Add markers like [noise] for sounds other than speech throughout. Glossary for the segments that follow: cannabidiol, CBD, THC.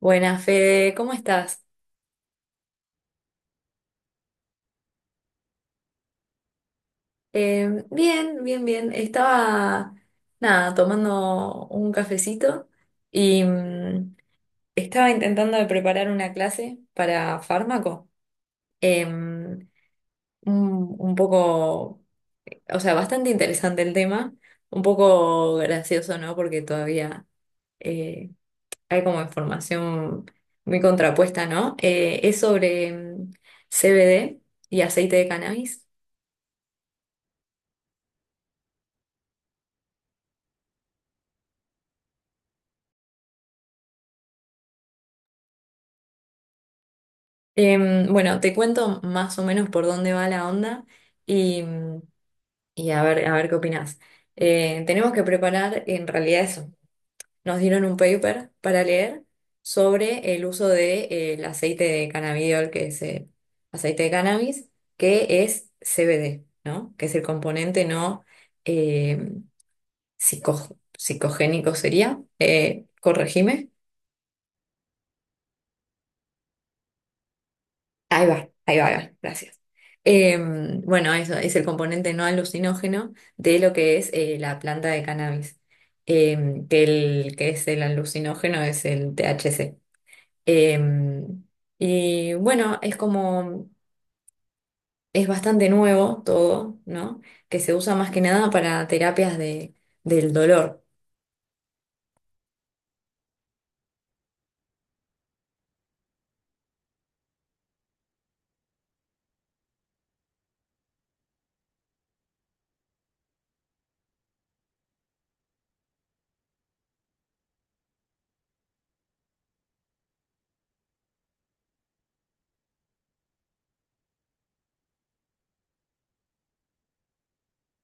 Buenas, Fede, ¿cómo estás? Bien, bien, bien. Estaba, nada, tomando un cafecito y estaba intentando de preparar una clase para fármaco. Eh, un, un poco, o sea, bastante interesante el tema, un poco gracioso, ¿no? Porque todavía eh, hay como información muy contrapuesta, ¿no? Es sobre CBD y aceite de cannabis. Bueno, te cuento más o menos por dónde va la onda y, y a ver qué opinás. Tenemos que preparar en realidad eso. Nos dieron un paper para leer sobre el uso de, el aceite de cannabidiol, que es aceite de cannabis, que es CBD, ¿no? Que es el componente no eh, psicogénico sería. Corregime. Ahí va, ahí va, ahí va, gracias. Bueno, eso es el componente no alucinógeno de lo que es la planta de cannabis, que el que es el alucinógeno es el THC. Em, y bueno, es como, es bastante nuevo todo, ¿no? Que se usa más que nada para terapias de, del dolor.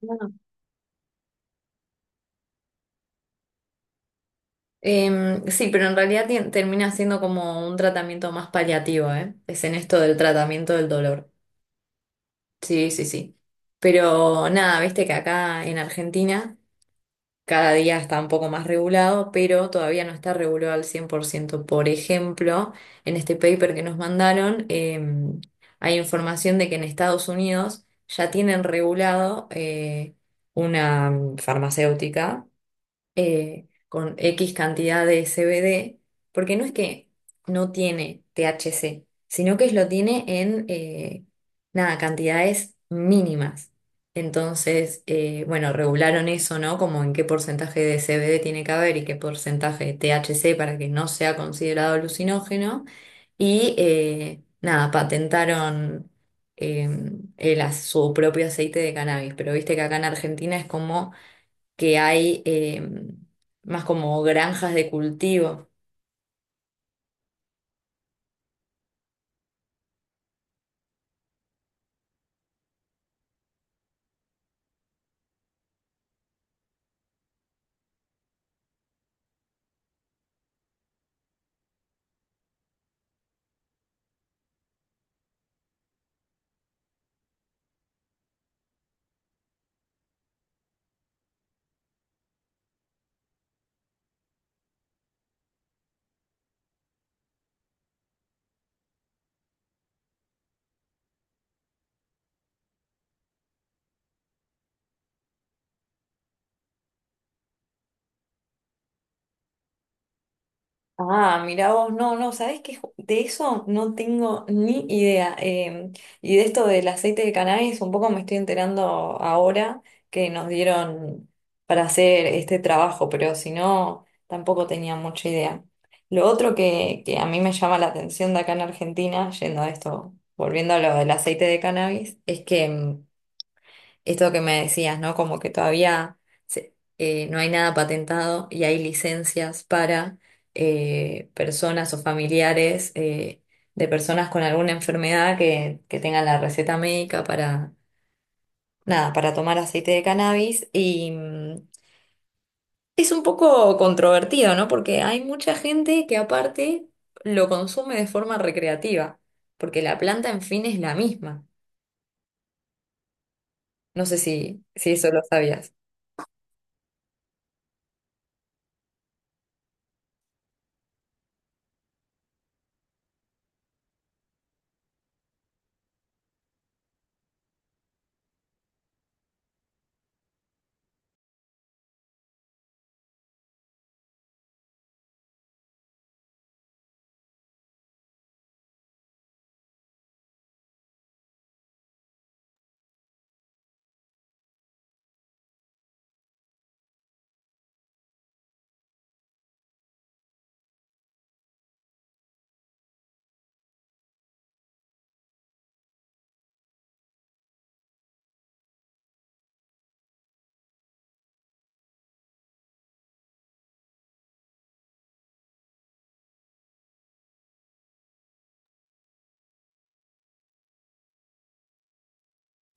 Bueno. Sí, pero en realidad termina siendo como un tratamiento más paliativo, ¿eh? Es en esto del tratamiento del dolor. Sí, sí, sí. Pero nada, viste que acá en Argentina cada día está un poco más regulado, pero todavía no está regulado al 100%, por ciento. Por ejemplo, en este paper que nos mandaron, hay información de que en Estados Unidos ya tienen regulado una farmacéutica con X cantidad de CBD, porque no es que no tiene THC, sino que lo tiene en, nada, cantidades mínimas. Entonces, bueno, regularon eso, ¿no? Como en qué porcentaje de CBD tiene que haber y qué porcentaje de THC para que no sea considerado alucinógeno. Y nada, patentaron eh, su propio aceite de cannabis. Pero viste que acá en Argentina es como que hay más como granjas de cultivo. Ah, mira vos, no, no, ¿sabés qué? De eso no tengo ni idea. Y de esto del aceite de cannabis, un poco me estoy enterando ahora que nos dieron para hacer este trabajo, pero si no, tampoco tenía mucha idea. Lo otro que a mí me llama la atención de acá en Argentina, yendo a esto, volviendo a lo del aceite de cannabis, es que esto que me decías, ¿no? Como que todavía no hay nada patentado y hay licencias para personas o familiares de personas con alguna enfermedad que tengan la receta médica para, nada, para tomar aceite de cannabis. Y es un poco controvertido, ¿no? Porque hay mucha gente que aparte lo consume de forma recreativa, porque la planta en fin es la misma. No sé si eso lo sabías.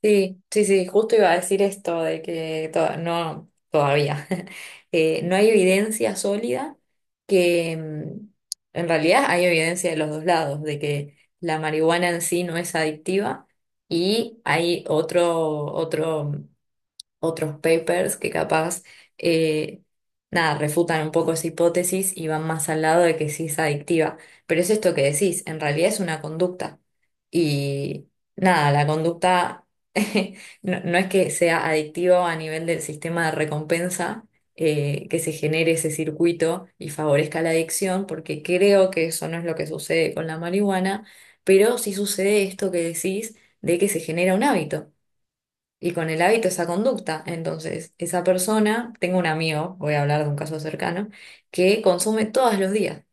Sí, sí, sí, justo iba a decir esto de que no, todavía, [laughs] no hay evidencia sólida que en realidad hay evidencia de los dos lados, de que la marihuana en sí no es adictiva y hay otros papers que capaz, eh, nada, refutan un poco esa hipótesis y van más al lado de que sí es adictiva. Pero es esto que decís, en realidad es una conducta. Y nada, la conducta [laughs] no, no es que sea adictiva a nivel del sistema de recompensa, que se genere ese circuito y favorezca la adicción, porque creo que eso no es lo que sucede con la marihuana, pero sí sucede esto que decís de que se genera un hábito y con el hábito esa conducta. Entonces, esa persona, tengo un amigo, voy a hablar de un caso cercano, que consume todos los días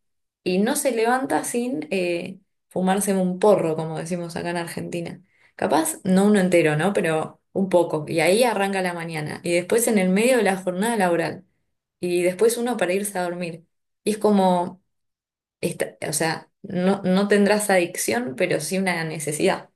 y no se levanta sin fumarse un porro, como decimos acá en Argentina. Capaz, no uno entero, ¿no? Pero un poco. Y ahí arranca la mañana. Y después en el medio de la jornada laboral. Y después uno para irse a dormir. Y es como, o sea, no, no tendrás adicción, pero sí una necesidad.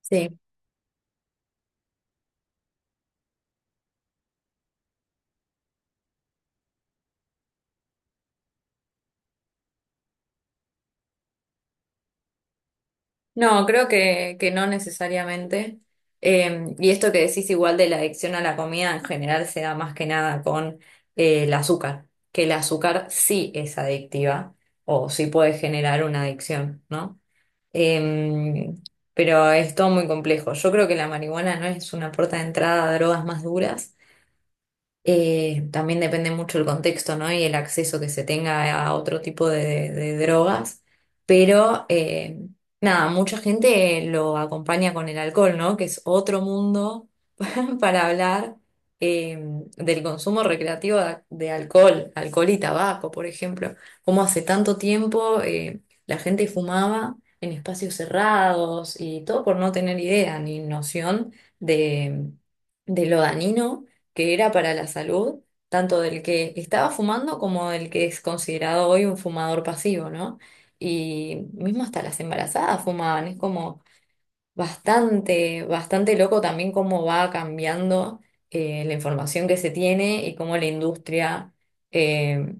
Sí. No, creo que no necesariamente. Y esto que decís igual de la adicción a la comida en general se da más que nada con el azúcar, que el azúcar sí es adictiva o sí puede generar una adicción, ¿no? Eh, pero es todo muy complejo. Yo creo que la marihuana no es una puerta de entrada a drogas más duras, también depende mucho el contexto, ¿no? Y el acceso que se tenga a otro tipo de drogas. Pero nada, mucha gente lo acompaña con el alcohol, ¿no? Que es otro mundo [laughs] para hablar eh, del consumo recreativo de alcohol, alcohol y tabaco, por ejemplo. Cómo hace tanto tiempo la gente fumaba en espacios cerrados y todo por no tener idea ni noción de, de lo dañino que era para la salud, tanto del que estaba fumando como del que es considerado hoy un fumador pasivo, ¿no? Y mismo hasta las embarazadas fumaban, es como. Bastante, bastante loco también cómo va cambiando la información que se tiene y cómo la industria, eh,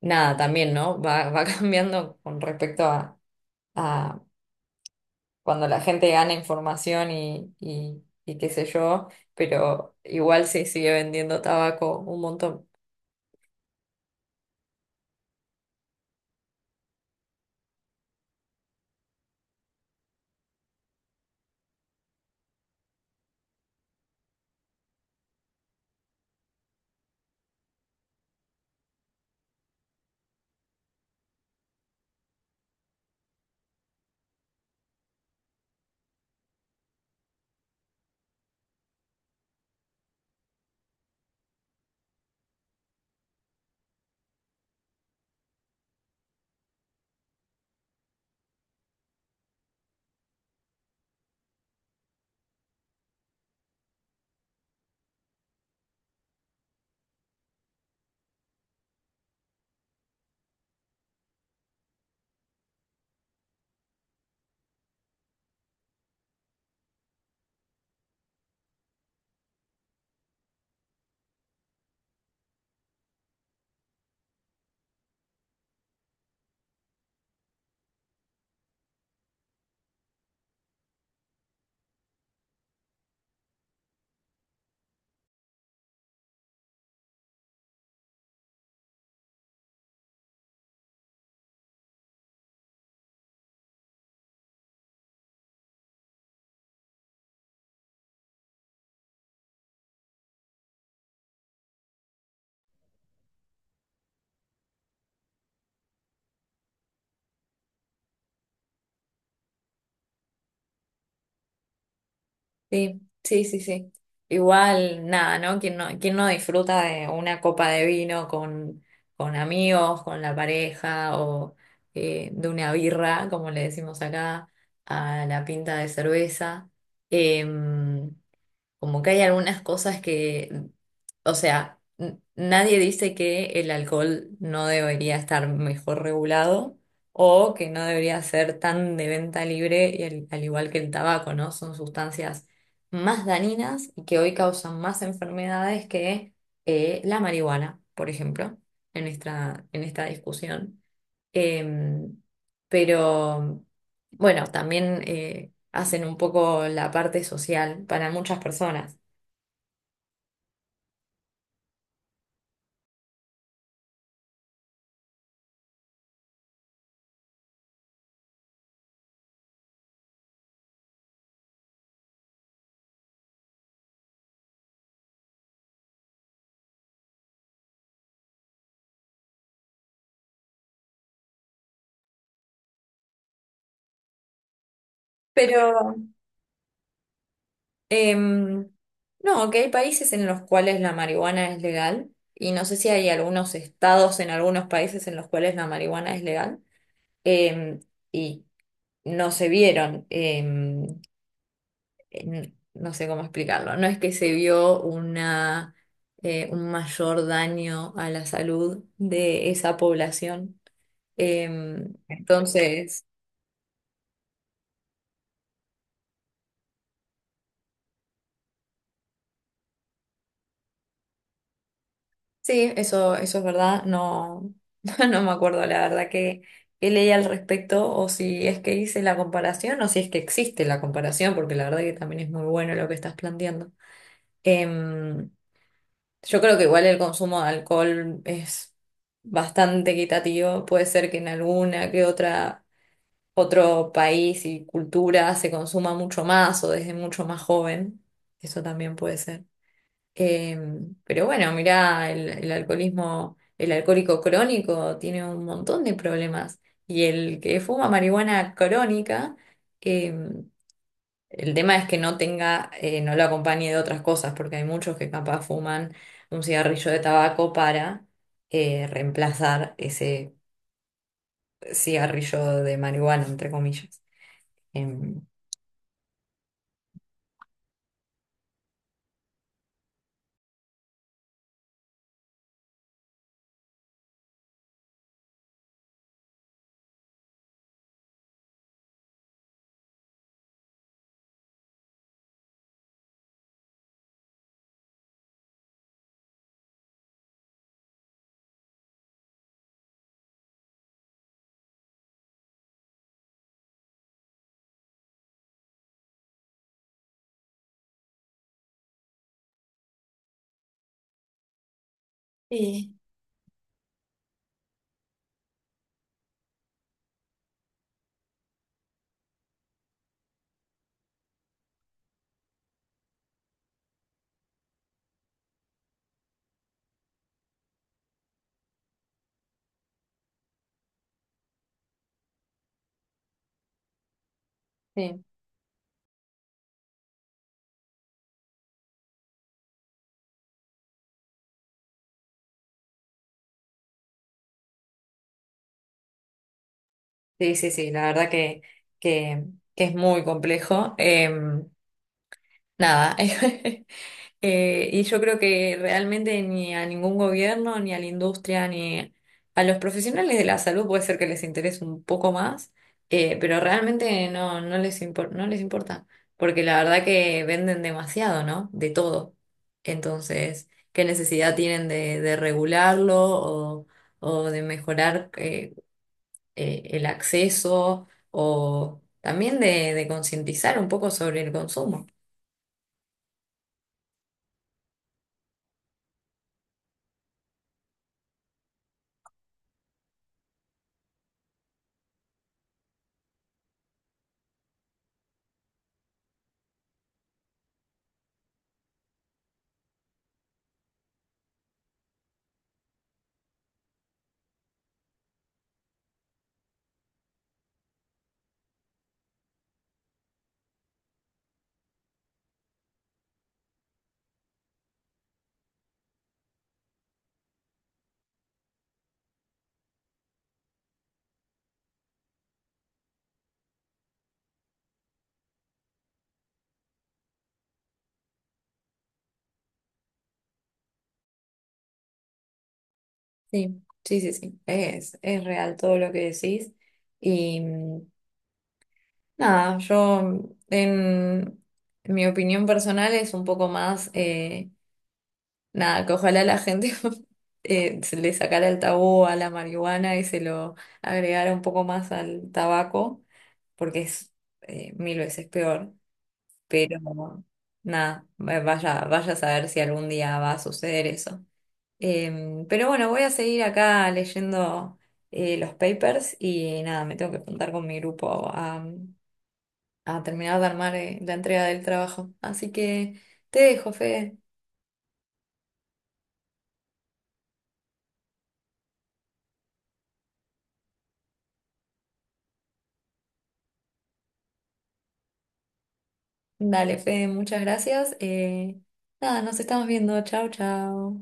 nada, también, ¿no? Va [laughs] cambiando con respecto a cuando la gente gana información y qué sé yo, pero igual se sigue vendiendo tabaco un montón. Sí, sí, sí, sí. Igual, nada, ¿no? ¿Quién no disfruta de una copa de vino con amigos, con la pareja o de una birra, como le decimos acá, a la pinta de cerveza? Em, Como que hay algunas cosas que, o sea, nadie dice que el alcohol no debería estar mejor regulado o que no debería ser tan de venta libre, y al igual que el tabaco, ¿no? Son sustancias más dañinas y que hoy causan más enfermedades que la marihuana, por ejemplo, en esta discusión. Em, pero bueno, también hacen un poco la parte social para muchas personas. Pero em, no, que hay países en los cuales la marihuana es legal y no sé si hay algunos estados en algunos países en los cuales la marihuana es legal, em, y no se vieron, no sé cómo explicarlo, no es que se vio una, un mayor daño a la salud de esa población. Entonces. Sí, eso es verdad. No, [laughs] no me acuerdo la verdad que leí al respecto o si es que hice la comparación o si es que existe la comparación, porque la verdad que también es muy bueno lo que estás planteando. Em, yo creo que igual el consumo de alcohol es bastante equitativo. Puede ser que en alguna que otro país y cultura se consuma mucho más o desde mucho más joven. Eso también puede ser. Eh, pero bueno, mirá, el alcoholismo, el alcohólico crónico tiene un montón de problemas. Y el que fuma marihuana crónica, eh, el tema es que no tenga, no lo acompañe de otras cosas, porque hay muchos que capaz fuman un cigarrillo de tabaco para reemplazar ese cigarrillo de marihuana, entre comillas. Em, Sí. Sí, sí, sí, sí, la verdad que, que es muy complejo. Nada. [laughs] Y yo creo que realmente ni a ningún gobierno, ni a la industria, ni a los profesionales de la salud puede ser que les interese un poco más, pero realmente no, no les importa, porque la verdad que venden demasiado, ¿no? De todo. Entonces, ¿qué necesidad tienen de regularlo o de mejorar el acceso o también de concientizar un poco sobre el consumo? Sí, sí, sí, sí. Es real todo lo que decís. Y nada, yo en mi opinión personal es un poco más, nada, que ojalá la gente [laughs] se le sacara el tabú a la marihuana y se lo agregara un poco más al tabaco, porque es mil veces peor. Pero nada, vaya, vaya a saber si algún día va a suceder eso. Pero bueno, voy a seguir acá leyendo los papers y nada, me tengo que juntar con mi grupo a terminar de armar la entrega del trabajo. Así que te dejo, Fede. Dale, Fede, muchas gracias. Nada, nos estamos viendo. Chao, chao.